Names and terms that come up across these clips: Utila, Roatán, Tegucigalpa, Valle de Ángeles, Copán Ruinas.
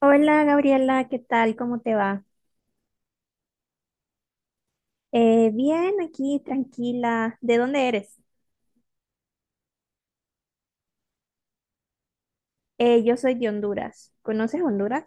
Hola Gabriela, ¿qué tal? ¿Cómo te va? Bien, aquí, tranquila. ¿De dónde eres? Yo soy de Honduras. ¿Conoces Honduras?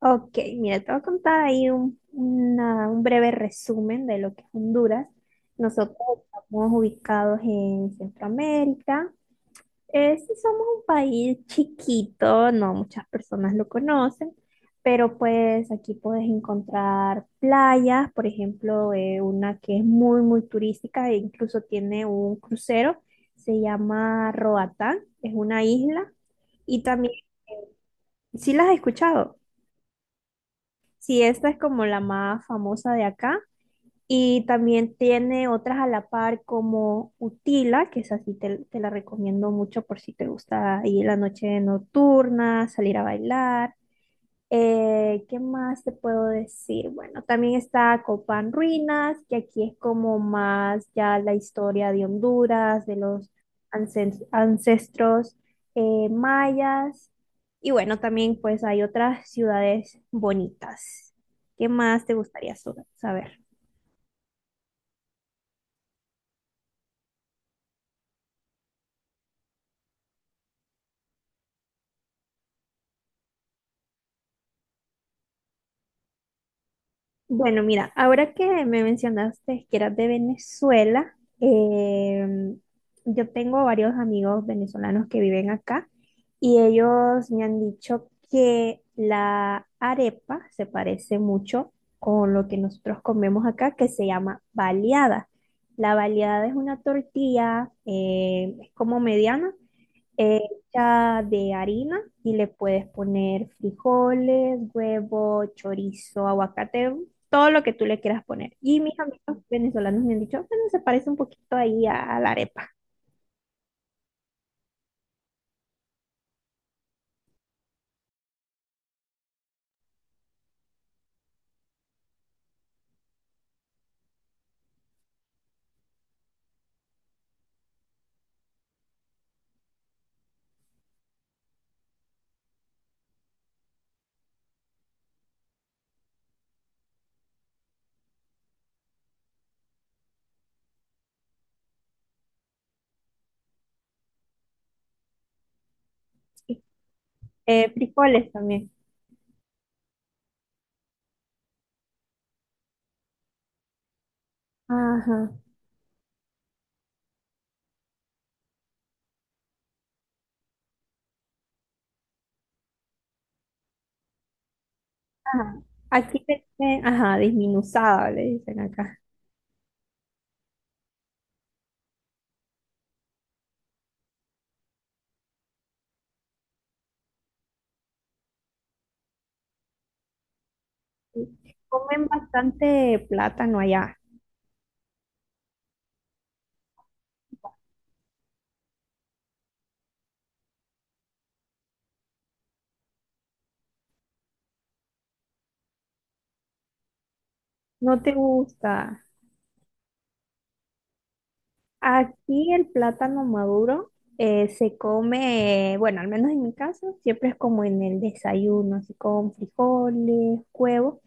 Ok, mira, te voy a contar ahí un breve resumen de lo que es Honduras. Nosotros estamos ubicados en Centroamérica. Sí, somos un país chiquito, no muchas personas lo conocen, pero pues aquí puedes encontrar playas, por ejemplo, una que es muy, muy turística e incluso tiene un crucero, se llama Roatán, es una isla. Y también, ¿sí las has escuchado? Sí, esta es como la más famosa de acá. Y también tiene otras a la par como Utila, que esa sí te la recomiendo mucho por si te gusta ir la noche nocturna, salir a bailar. ¿Qué más te puedo decir? Bueno, también está Copán Ruinas, que aquí es como más ya la historia de Honduras, de los ancestros mayas. Y bueno, también pues hay otras ciudades bonitas. ¿Qué más te gustaría saber? Bueno, mira, ahora que me mencionaste que eras de Venezuela, em, yo tengo varios amigos venezolanos que viven acá y ellos me han dicho que la arepa se parece mucho con lo que nosotros comemos acá, que se llama baleada. La baleada es una tortilla, es como mediana eh, hecha de harina y le puedes poner frijoles, huevo, chorizo, aguacate, todo lo que tú le quieras poner. Y mis amigos venezolanos me han dicho, bueno, se parece un poquito ahí a la arepa. Sí. Frijoles también. Ajá, ajá. Aquí le dicen, ajá, desmenuzada, le dicen acá. Sí. Comen bastante plátano allá. No te gusta. Aquí el plátano maduro se come, bueno, al menos en mi caso, siempre es como en el desayuno, así con frijoles, huevos,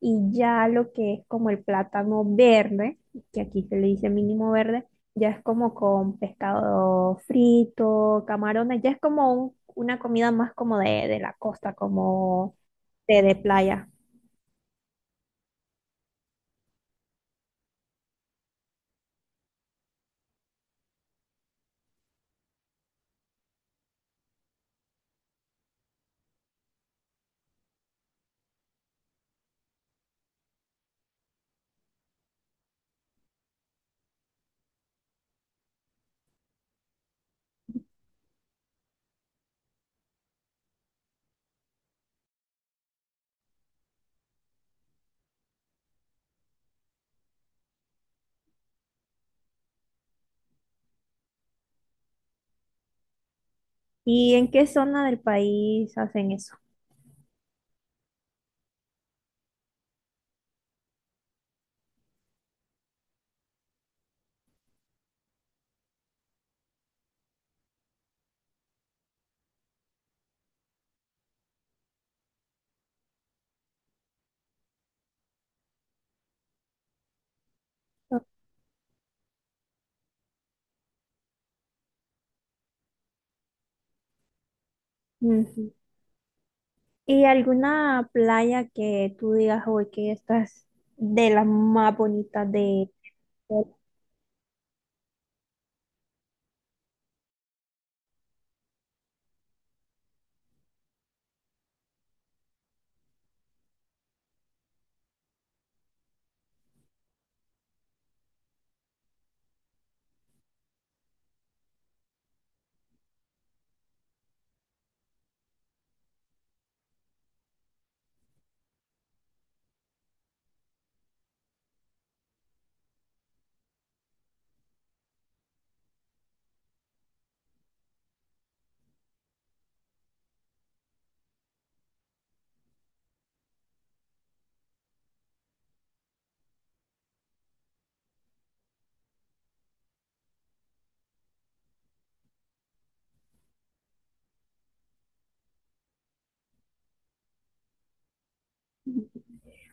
y ya lo que es como el plátano verde, que aquí se le dice mínimo verde, ya es como con pescado frito, camarones, ya es como una comida más como de la costa, como de playa. ¿Y en qué zona del país hacen eso? Ujú. ¿Y alguna playa que tú digas, hoy que esta es de las más bonitas de... de-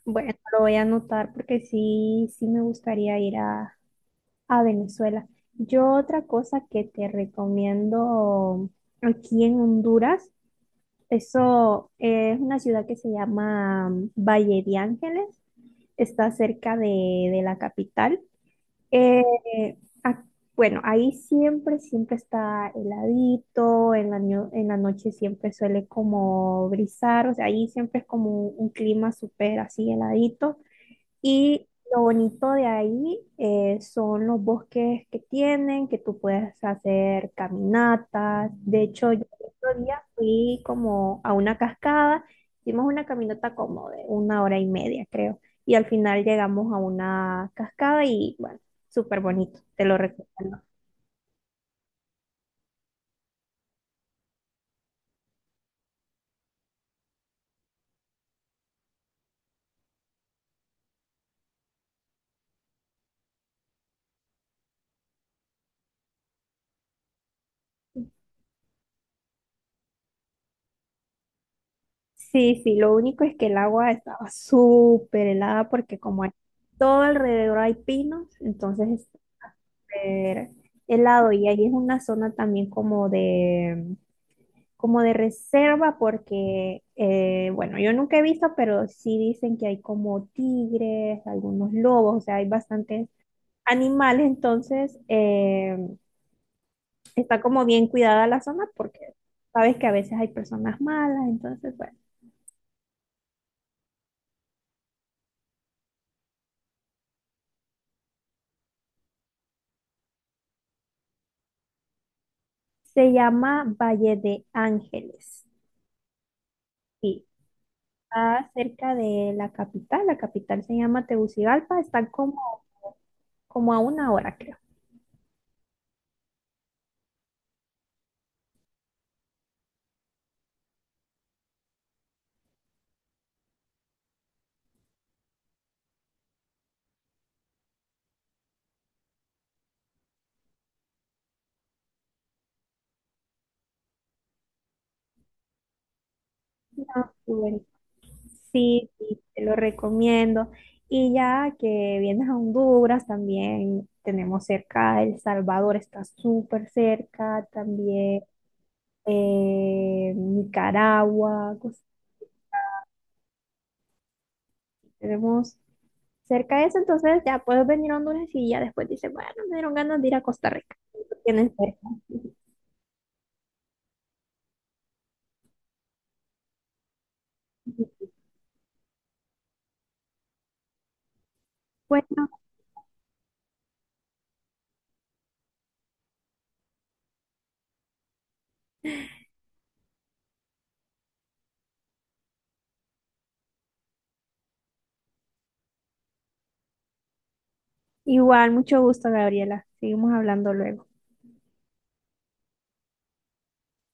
Bueno, lo voy a anotar porque sí, sí me gustaría ir a Venezuela. Yo otra cosa que te recomiendo aquí en Honduras, eso es una ciudad que se llama Valle de Ángeles, está cerca de la capital. Eh, ac- bueno, ahí siempre, siempre está heladito, en en la noche siempre suele como brisar, o sea, ahí siempre es como un clima súper así heladito. Y lo bonito de ahí son los bosques que tienen, que tú puedes hacer caminatas. De hecho, yo el otro día fui como a una cascada, hicimos una caminata como de una hora y media, creo. Y al final llegamos a una cascada y bueno, súper bonito, te lo recomiendo. Sí, sí, lo único es que el agua estaba súper helada porque como hay todo alrededor hay pinos, entonces es súper helado y ahí es una zona también como de reserva porque, bueno, yo nunca he visto, pero sí dicen que hay como tigres, algunos lobos, o sea, hay bastantes animales, entonces está como bien cuidada la zona porque sabes que a veces hay personas malas, entonces, bueno. Se llama Valle de Ángeles. Sí, está cerca de la capital. La capital se llama Tegucigalpa. Está como, como a una hora, creo. Ah, súper. Sí, sí, te lo recomiendo. Y ya que vienes a Honduras, también tenemos cerca El Salvador, está súper cerca. También Nicaragua. Tenemos cerca de eso, entonces ya puedes venir a Honduras y ya después dices, bueno, me dieron ganas de ir a Costa Rica. Lo tienes cerca. Bueno, igual, mucho gusto, Gabriela. Seguimos hablando luego.